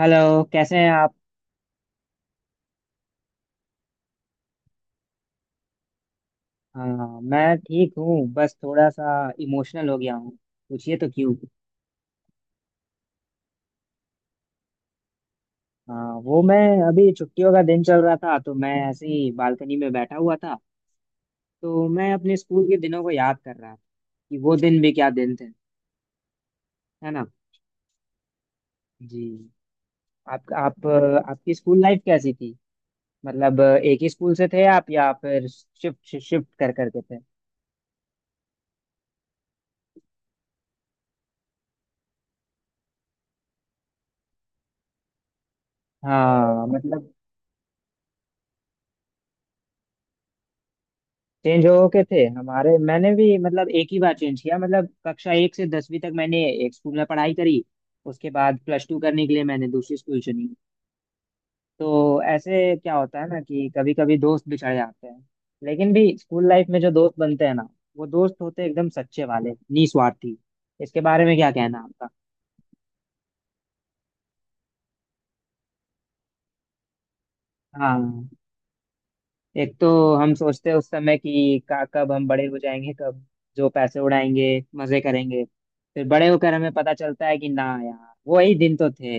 Hello, कैसे हैं आप? हाँ, मैं ठीक हूँ। बस थोड़ा सा इमोशनल हो गया हूँ। पूछिए तो क्यों? हाँ, वो मैं अभी छुट्टियों का दिन चल रहा था तो मैं ऐसे ही बालकनी में बैठा हुआ था। तो मैं अपने स्कूल के दिनों को याद कर रहा था। कि वो दिन भी क्या दिन थे। है ना। जी। आप, आपकी स्कूल लाइफ कैसी थी? मतलब एक ही स्कूल से थे आप या फिर शिफ्ट शिफ्ट कर करके थे? हाँ मतलब। चेंज हो के थे हमारे, मैंने भी मतलब एक ही बार चेंज किया। मतलब कक्षा 1 से 10वीं तक मैंने एक स्कूल में पढ़ाई करी। उसके बाद प्लस टू करने के लिए मैंने दूसरी स्कूल चुनी। तो ऐसे क्या होता है ना कि कभी कभी दोस्त बिछड़ जाते हैं। लेकिन भी स्कूल लाइफ में जो दोस्त बनते हैं ना, वो दोस्त होते हैं एकदम सच्चे वाले। निस्वार्थी। इसके बारे में क्या कहना है आपका? हाँ, एक तो हम सोचते हैं उस समय कि का कब हम बड़े हो जाएंगे, कब जो पैसे उड़ाएंगे, मजे करेंगे। फिर बड़े होकर हमें पता चलता है कि ना यार वही दिन तो थे।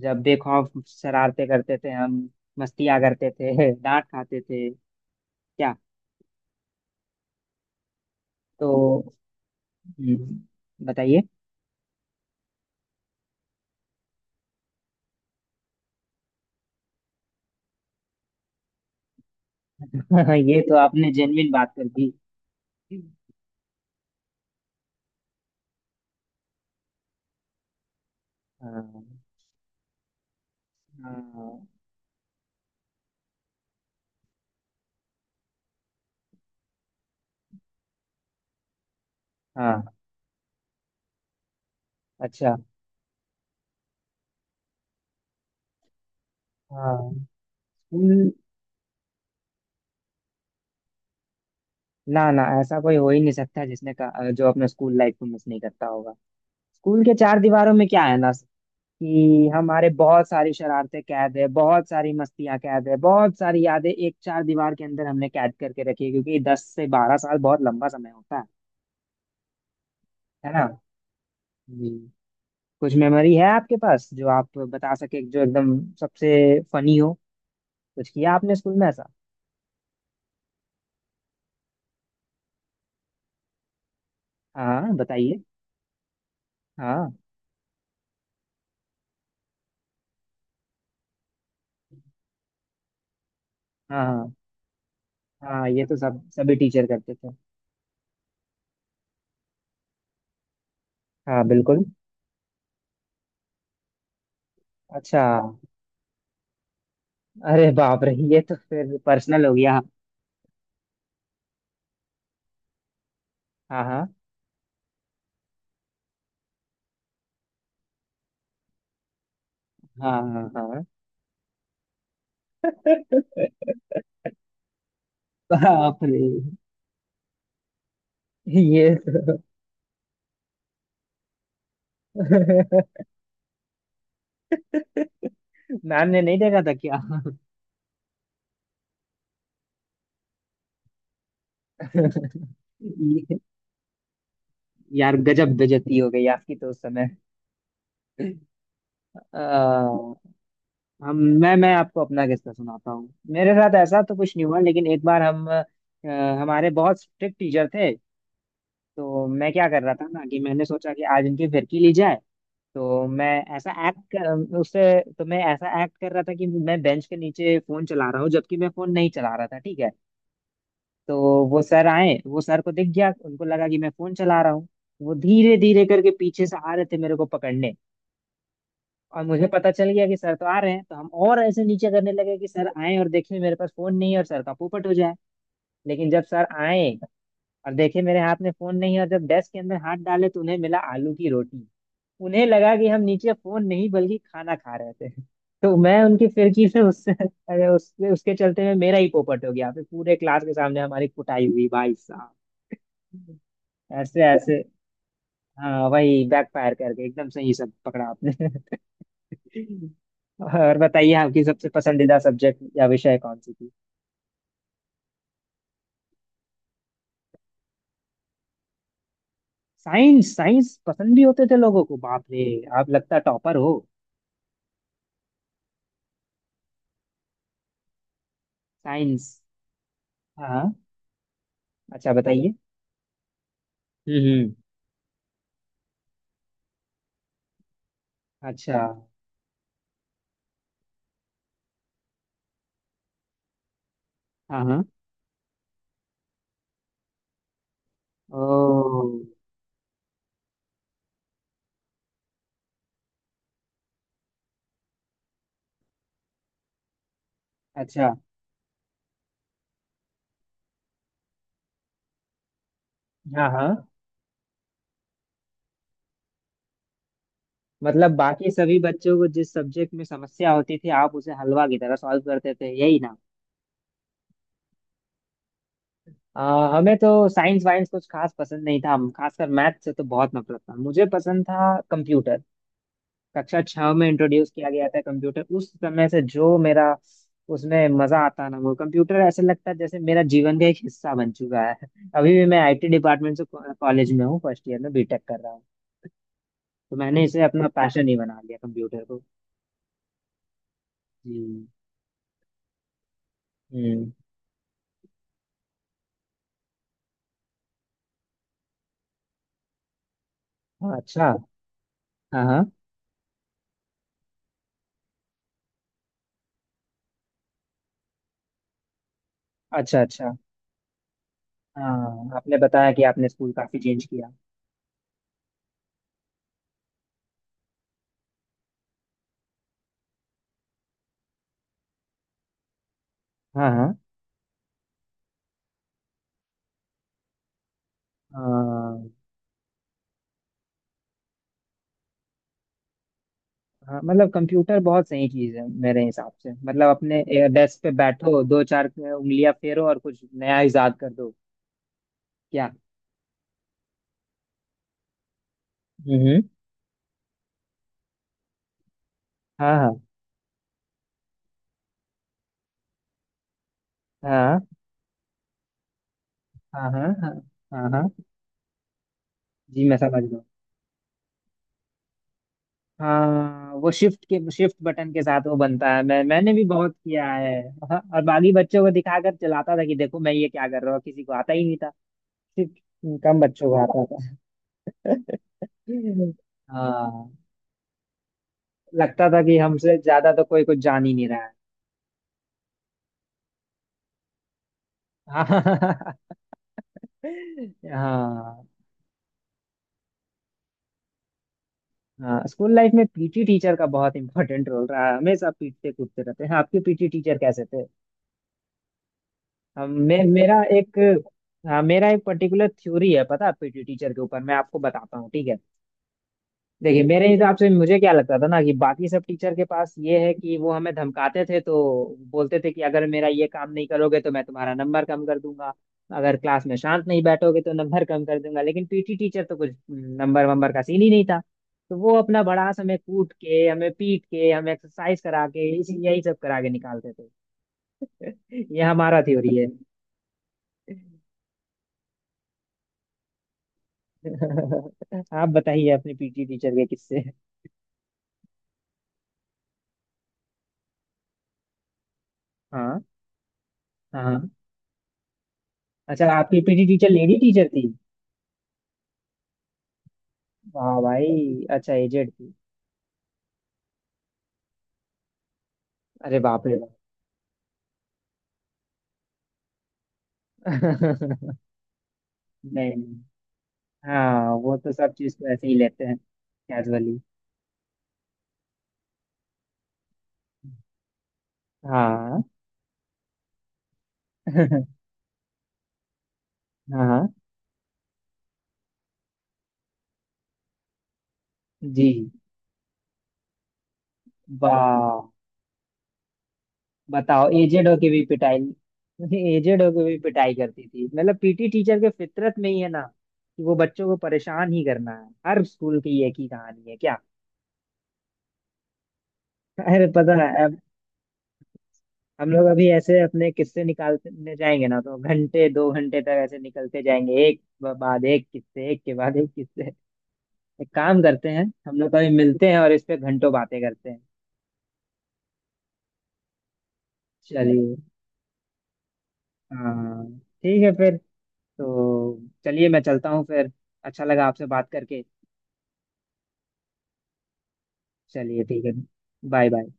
जब बेखौफ शरारते करते थे हम, मस्तियाँ करते थे डांट खाते थे। क्या। तो बताइए। ये तो आपने जेन्युइन बात कर दी। हाँ, हाँ, हाँ, अच्छा। हाँ, स्कूल, ना ना ऐसा कोई हो ही नहीं सकता जिसने का जो अपने स्कूल लाइफ को मिस नहीं करता होगा। स्कूल के चार दीवारों में क्या है ना, कि हमारे बहुत सारी शरारतें कैद है, बहुत सारी मस्तियां कैद है, बहुत सारी यादें एक चार दीवार के अंदर हमने कैद करके रखी है, क्योंकि 10 से 12 साल बहुत लंबा समय होता है। है ना। जी। कुछ मेमोरी है आपके पास जो आप बता सके, जो एकदम सबसे फनी हो? कुछ किया आपने स्कूल में ऐसा? हाँ बताइए। हाँ, हाँ, हाँ, हाँ। ये तो सब सभी टीचर करते थे। हाँ बिल्कुल। अच्छा। अरे बाप रे, ये तो फिर पर्सनल हो गया। हाँ, हाँ, हाँ, हाँ, हाँ। बाप रे। ये, मैम ने नहीं देखा था क्या? ये- यार गजब बेइज्जती हो गई आपकी तो उस समय। आ, हम मैं आपको अपना किस्सा सुनाता हूँ। मेरे साथ ऐसा तो कुछ नहीं हुआ, लेकिन एक बार हम हमारे बहुत स्ट्रिक्ट टीचर थे। तो मैं क्या कर रहा था ना, कि मैंने सोचा कि आज इनकी फिरकी ली जाए। तो मैं ऐसा एक्ट कर उससे। तो मैं ऐसा एक्ट कर रहा था कि मैं बेंच के नीचे फोन चला रहा हूँ, जबकि मैं फोन नहीं चला रहा था, ठीक है। तो वो सर आए, वो सर को दिख गया, उनको लगा कि मैं फोन चला रहा हूँ। वो धीरे धीरे करके पीछे से आ रहे थे मेरे को पकड़ने। और मुझे पता चल गया कि सर तो आ रहे हैं, तो हम और ऐसे नीचे करने लगे कि सर आए और देखें मेरे पास फोन नहीं है और सर का पोपट हो जाए। लेकिन जब सर आए और देखे मेरे हाथ में फोन नहीं है, और जब डेस्क के अंदर हाथ डाले तो उन्हें मिला आलू की रोटी। उन्हें लगा कि हम नीचे फोन नहीं बल्कि खाना खा रहे थे। तो मैं उनकी फिरकी से उससे उसके चलते में मेरा ही पोपट हो गया, फिर पूरे क्लास के सामने हमारी कुटाई हुई भाई साहब। ऐसे ऐसे। हाँ, वही फायर करके एकदम से ही सब पकड़ा आपने। और बताइए, आपकी सबसे पसंदीदा सब्जेक्ट या विषय कौन सी थी? साइंस? साइंस पसंद भी होते थे लोगों को, बाप रे। आप लगता टॉपर हो। साइंस। हाँ हाँ। अच्छा बताइए। हम्म, अच्छा। हाँ हाँ। ओ। अच्छा। हाँ हाँ। मतलब बाकी सभी बच्चों को जिस सब्जेक्ट में समस्या होती थी, आप उसे हलवा की तरह सॉल्व करते थे, यही ना? हमें तो साइंस वाइंस कुछ खास पसंद नहीं था। हम खासकर मैथ से तो बहुत नफरत था। मुझे पसंद था कंप्यूटर। कक्षा छह में इंट्रोड्यूस किया गया था कंप्यूटर, उस समय से जो मेरा, उसमें मजा आता ना, वो कंप्यूटर ऐसे लगता है जैसे मेरा जीवन का एक हिस्सा बन चुका है। अभी भी मैं आईटी डिपार्टमेंट से कॉलेज में हूँ, फर्स्ट ईयर में बीटेक कर रहा हूँ। तो मैंने इसे अपना पैशन ही बना लिया, कंप्यूटर को। जी। हम्म। अच्छा। हाँ हाँ। अच्छा, अच्छा। हाँ, आपने बताया कि आपने स्कूल काफी चेंज किया। हाँ हाँ। हाँ हाँ। मतलब कंप्यूटर बहुत सही चीज है मेरे हिसाब से। मतलब अपने डेस्क पे बैठो, दो चार उंगलियां फेरो और कुछ नया इजाद कर दो। क्या। हम्म। हाँ, हाँ, हाँ। हाँ, हाँ, हाँ, हाँ, हाँ। जी मैं समझ गया। हाँ, वो शिफ्ट के शिफ्ट बटन के साथ वो बनता है। मैंने भी बहुत किया है। हाँ, और बाकी बच्चों को दिखाकर चलाता था कि देखो मैं ये क्या कर रहा हूँ, किसी को आता ही नहीं। ठीक। कम बच्चों को आता था। हाँ, लगता था कि हमसे ज्यादा तो कोई कुछ जान ही नहीं रहा है। हाँ। हाँ। हाँ, स्कूल लाइफ में पीटी टीचर का बहुत इंपॉर्टेंट रोल रहा है। हमेशा पीटते कूदते रहते हैं। आपके पीटी टीचर कैसे थे? मेरा एक, हाँ, मेरा एक पर्टिकुलर थ्योरी है, पता है, पीटी टीचर के ऊपर, मैं आपको बताता हूँ ठीक है? देखिए मेरे हिसाब से मुझे क्या लगता था ना, कि बाकी सब टीचर के पास ये है कि वो हमें धमकाते थे तो बोलते थे कि अगर मेरा ये काम नहीं करोगे तो मैं तुम्हारा नंबर कम कर दूंगा, अगर क्लास में शांत नहीं बैठोगे तो नंबर कम कर दूंगा। लेकिन पीटी टीचर तो कुछ नंबर वंबर का सीन ही नहीं था। तो वो अपना बड़ास हमें कूट के, हमें पीट के, हमें एक्सरसाइज करा के, यही सब करा के निकालते थे। ये हमारा थ्योरी है। आप बताइए अपने पीटी टीचर के किस्से। हाँ हाँ। अच्छा, आपकी पीटी टीचर लेडी टीचर थी? हाँ भाई, अच्छा एजेड थी। अरे बाप रे बाप। नहीं। नहीं। हाँ, वो तो सब चीज को ऐसे ही लेते हैं, कैजुअली। हाँ। हाँ। जी। वाह। बताओ, एजेड होके भी पिटाई। एजेड होके भी पिटाई करती थी। मतलब पीटी टीचर के फितरत में ही है ना कि वो बच्चों को परेशान ही करना है। हर स्कूल की एक ही कहानी है क्या। अरे, पता है, हम लोग अभी ऐसे अपने किस्से निकालने जाएंगे ना, तो घंटे दो घंटे तक ऐसे निकलते जाएंगे, एक बाद एक किस्से, एक के बाद एक किस्से। एक काम करते हैं, हम लोग कभी मिलते हैं और इस पे घंटों बातें करते हैं। चलिए। हाँ, ठीक है फिर। तो चलिए मैं चलता हूँ फिर। अच्छा लगा आपसे बात करके। चलिए ठीक है। Bye bye.